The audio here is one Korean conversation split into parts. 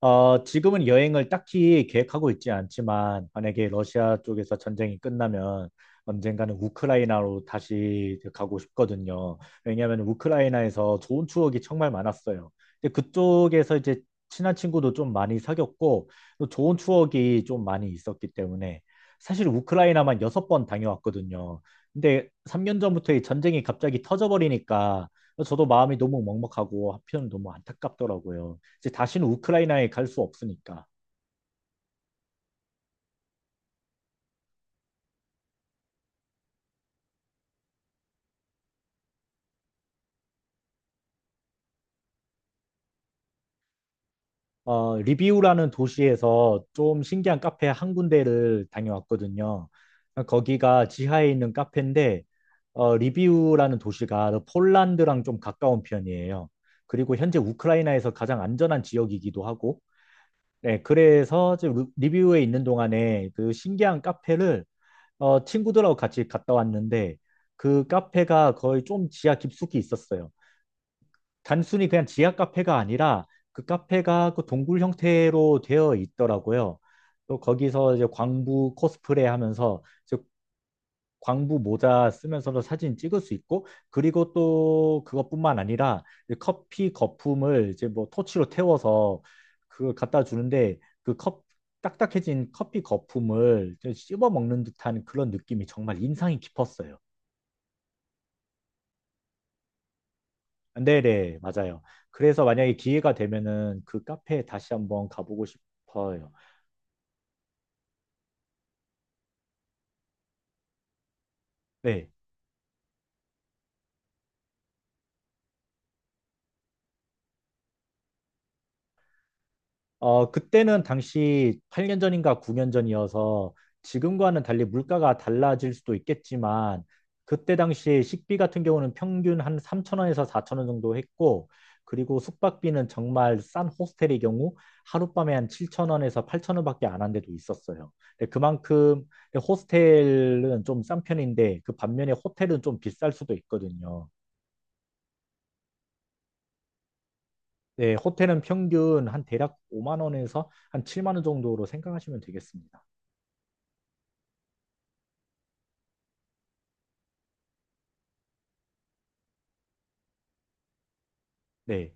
지금은 여행을 딱히 계획하고 있지 않지만, 만약에 러시아 쪽에서 전쟁이 끝나면 언젠가는 우크라이나로 다시 가고 싶거든요. 왜냐하면 우크라이나에서 좋은 추억이 정말 많았어요. 근데 그쪽에서 이제 친한 친구도 좀 많이 사귀었고, 또 좋은 추억이 좀 많이 있었기 때문에, 사실 우크라이나만 6번 다녀왔거든요. 근데 3년 전부터 이 전쟁이 갑자기 터져버리니까, 저도 마음이 너무 먹먹하고, 한편 너무 안타깝더라고요. 이제 다시는 우크라이나에 갈 수 없으니까. 리비우라는 도시에서 좀 신기한 카페 한 군데를 다녀왔거든요. 거기가 지하에 있는 카페인데, 리비우라는 도시가 폴란드랑 좀 가까운 편이에요. 그리고 현재 우크라이나에서 가장 안전한 지역이기도 하고, 네, 그래서 이제 리비우에 있는 동안에 그 신기한 카페를 친구들하고 같이 갔다 왔는데, 그 카페가 거의 좀 지하 깊숙이 있었어요. 단순히 그냥 지하 카페가 아니라 그 카페가 그 동굴 형태로 되어 있더라고요. 또 거기서 이제 광부 코스프레 하면서 이제 광부 모자 쓰면서도 사진 찍을 수 있고 그리고 또 그것뿐만 아니라 이제 커피 거품을 이제 뭐 토치로 태워서 그걸 갖다 주는데 그 컵, 딱딱해진 커피 거품을 씹어 먹는 듯한 그런 느낌이 정말 인상이 깊었어요. 네네, 맞아요. 그래서 만약에 기회가 되면은 그 카페에 다시 한번 가보고 싶어요. 네. 그때는 당시 8년 전인가 9년 전이어서 지금과는 달리 물가가 달라질 수도 있겠지만 그때 당시 식비 같은 경우는 평균 한 3천 원에서 4천 원 정도 했고 그리고 숙박비는 정말 싼 호스텔의 경우 하룻밤에 한 7천 원에서 8천 원밖에 안 한 데도 있었어요. 근데 그만큼 호스텔은 좀 싼 편인데 그 반면에 호텔은 좀 비쌀 수도 있거든요. 네, 호텔은 평균 한 대략 5만 원에서 한 7만 원 정도로 생각하시면 되겠습니다. 네,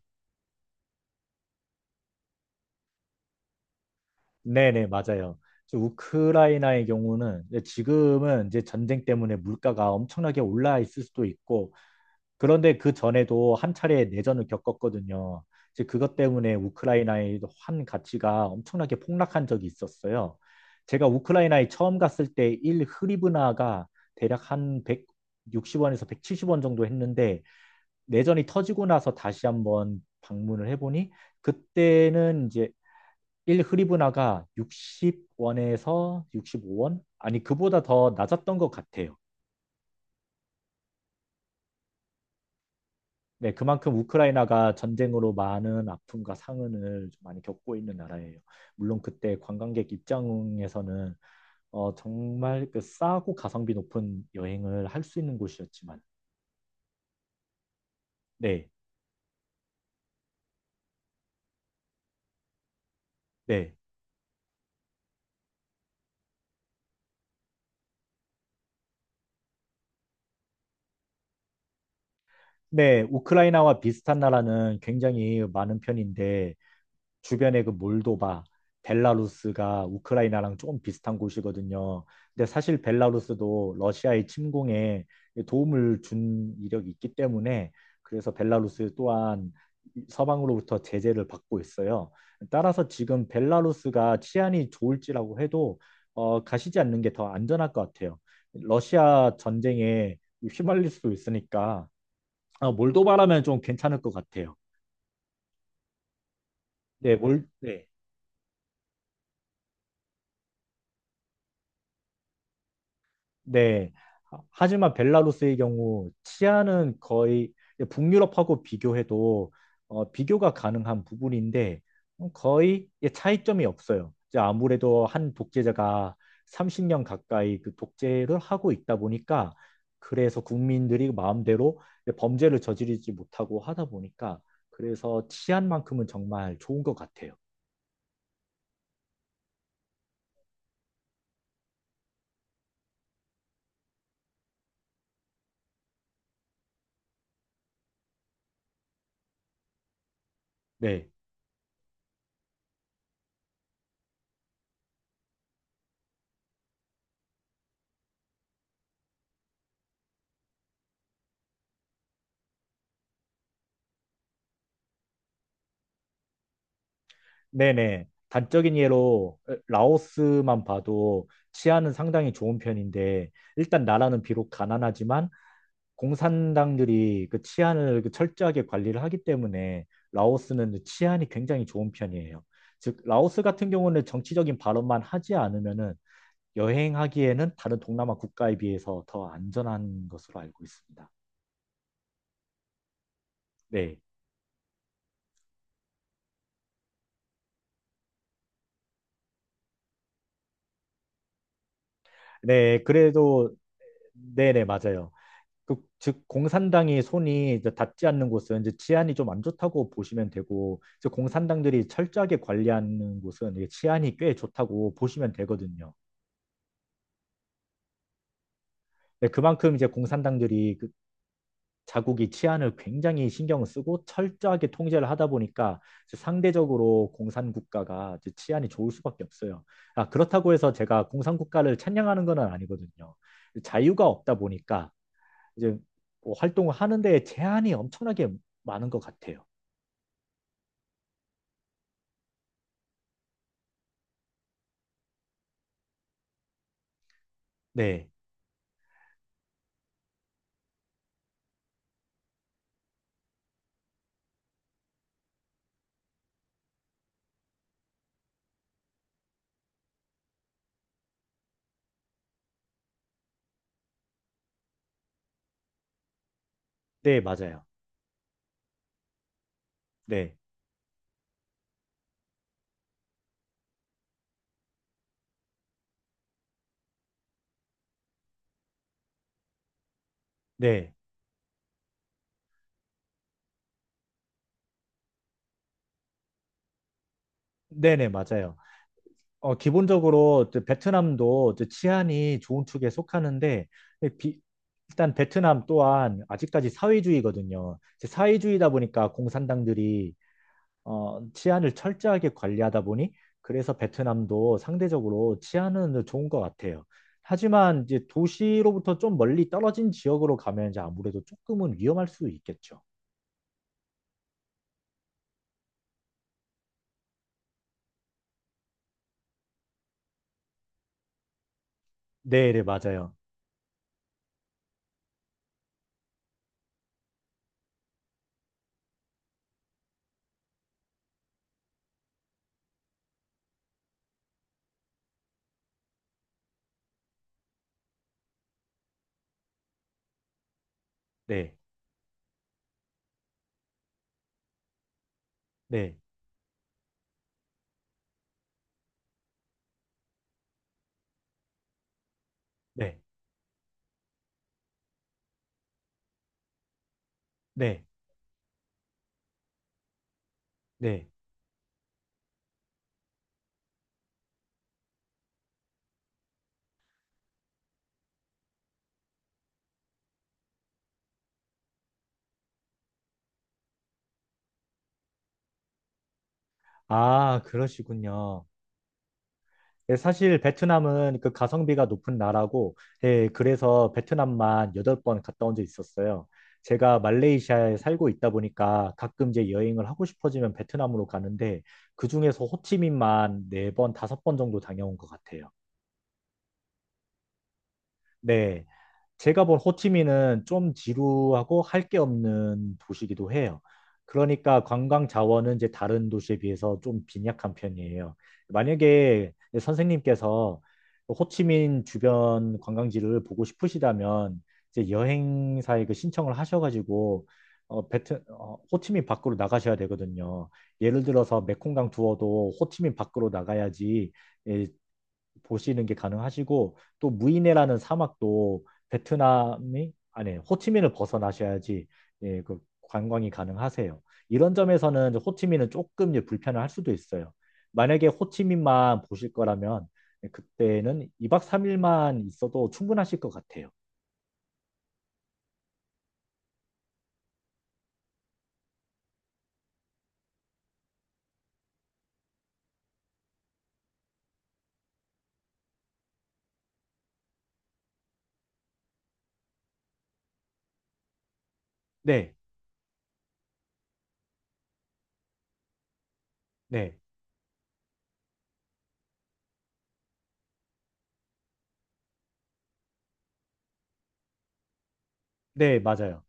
네네, 맞아요. 그래서 우크라이나의 경우는 이제 지금은 이제 전쟁 때문에 물가가 엄청나게 올라 있을 수도 있고, 그런데 그 전에도 한 차례 내전을 겪었거든요. 이제 그것 때문에 우크라이나의 환 가치가 엄청나게 폭락한 적이 있었어요. 제가 우크라이나에 처음 갔을 때 1 흐리브나가 대략 한 160원에서 170원 정도 했는데, 내전이 터지고 나서 다시 한번 방문을 해보니, 그때는 이제 1 흐리브나가 60원에서 65원? 아니, 그보다 더 낮았던 것 같아요. 네, 그만큼 우크라이나가 전쟁으로 많은 아픔과 상흔을 좀 많이 겪고 있는 나라예요. 물론 그때 관광객 입장에서는 정말 그 싸고 가성비 높은 여행을 할 수 있는 곳이었지만, 네, 네, 네, 우크라이나와 비슷한 나라는 굉장히 많은 편인데, 주변에 그 몰도바, 벨라루스가 우크라이나랑 조금 비슷한 곳이거든요. 근데 사실 벨라루스도 러시아의 침공에 도움을 준 이력이 있기 때문에 그래서 벨라루스 또한 서방으로부터 제재를 받고 있어요. 따라서 지금 벨라루스가 치안이 좋을지라고 해도 가시지 않는 게 더 안전할 것 같아요. 러시아 전쟁에 휘말릴 수도 있으니까 아, 몰도바라면 좀 괜찮을 것 같아요. 네, 네. 네. 지만 벨라루스의 경우 치안은 거의 북유럽하고 비교해도 비교가 가능한 부분인데 거의 예, 차이점이 없어요. 이제 아무래도 한 독재자가 30년 가까이 그 독재를 하고 있다 보니까 그래서 국민들이 마음대로 범죄를 저지르지 못하고 하다 보니까 그래서 치안만큼은 정말 좋은 것 같아요. 네. 네네. 단적인 예로 라오스만 봐도 치안은 상당히 좋은 편인데 일단 나라는 비록 가난하지만 공산당들이 그 치안을 그 철저하게 관리를 하기 때문에 라오스는 치안이 굉장히 좋은 편이에요. 즉 라오스 같은 경우는 정치적인 발언만 하지 않으면은 여행하기에는 다른 동남아 국가에 비해서 더 안전한 것으로 알고 있습니다. 네. 네, 그래도 네네 맞아요. 그, 즉 공산당이 손이 이제 닿지 않는 곳은 이제 치안이 좀 안 좋다고 보시면 되고 이제 공산당들이 철저하게 관리하는 곳은 이게 치안이 꽤 좋다고 보시면 되거든요. 네, 그만큼 이제 공산당들이 그 자국이 치안을 굉장히 신경을 쓰고 철저하게 통제를 하다 보니까 이제 상대적으로 공산 국가가 이제 치안이 좋을 수밖에 없어요. 아, 그렇다고 해서 제가 공산 국가를 찬양하는 건 아니거든요. 자유가 없다 보니까 이제 뭐 활동을 하는데 제한이 엄청나게 많은 것 같아요. 네, 네, 맞아요. 네, 네, 네네, 맞아요. 기본적으로 이제 베트남도 이제 치안이 좋은 축에 속하는데, 비- 일단 베트남 또한 아직까지 사회주의거든요. 이제 사회주의다 보니까 공산당들이 치안을 철저하게 관리하다 보니, 그래서 베트남도 상대적으로 치안은 좋은 것 같아요. 하지만 이제 도시로부터 좀 멀리 떨어진 지역으로 가면 이제 아무래도 조금은 위험할 수 있겠죠. 네, 네, 맞아요. 네, 네. 네. 네, 네. 아, 그러시군요. 예, 사실 베트남은 그 가성비가 높은 나라고, 예, 그래서 베트남만 8번 갔다 온 적 있었어요. 제가 말레이시아에 살고 있다 보니까 가끔 이제 여행을 하고 싶어지면 베트남으로 가는데, 그중에서 호치민만 4번, 5번 정도 다녀온 것 같아요. 네. 제가 본 호치민은 좀 지루하고 할 게 없는 도시이기도 해요. 그러니까 관광 자원은 이제 다른 도시에 비해서 좀 빈약한 편이에요. 만약에 선생님께서 호치민 주변 관광지를 보고 싶으시다면 이제 여행사에 그 신청을 하셔가지고 호치민 밖으로 나가셔야 되거든요. 예를 들어서 메콩강 투어도 호치민 밖으로 나가야지 예, 보시는 게 가능하시고 또 무이네라는 사막도 베트남이 아니 호치민을 벗어나셔야지 예, 그 관광이 가능하세요. 이런 점에서는 호치민은 조금 이제 불편을 할 수도 있어요. 만약에 호치민만 보실 거라면 그때는 이박삼일만 있어도 충분하실 것 같아요. 네, 네, 네, 맞아요.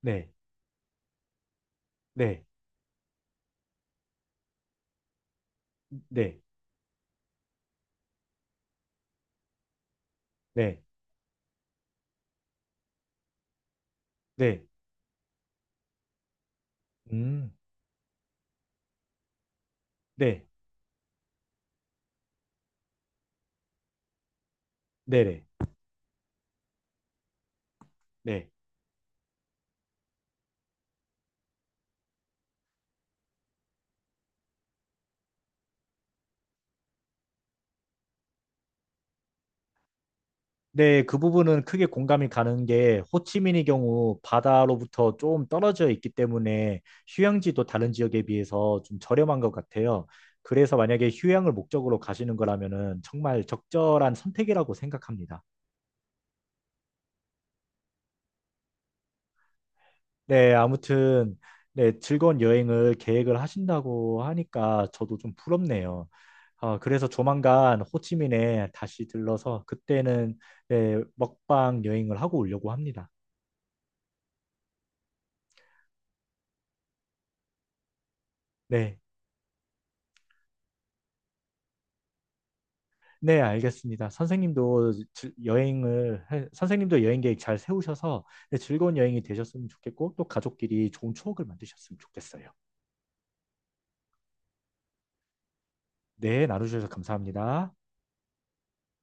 네, 네, 네, 네, 네, 음, 네, 네, 네, 네. 네, 그 부분은 크게 공감이 가는 게 호치민의 경우 바다로부터 좀 떨어져 있기 때문에 휴양지도 다른 지역에 비해서 좀 저렴한 것 같아요. 그래서 만약에 휴양을 목적으로 가시는 거라면은 정말 적절한 선택이라고 생각합니다. 네, 아무튼 네, 즐거운 여행을 계획을 하신다고 하니까 저도 좀 부럽네요. 아, 그래서 조만간 호치민에 다시 들러서 그때는 네, 먹방 여행을 하고 오려고 합니다. 네. 네, 알겠습니다. 선생님도 여행을, 선생님도 여행 계획 잘 세우셔서 네, 즐거운 여행이 되셨으면 좋겠고, 또 가족끼리 좋은 추억을 만드셨으면 좋겠어요. 네, 나눠주셔서 감사합니다.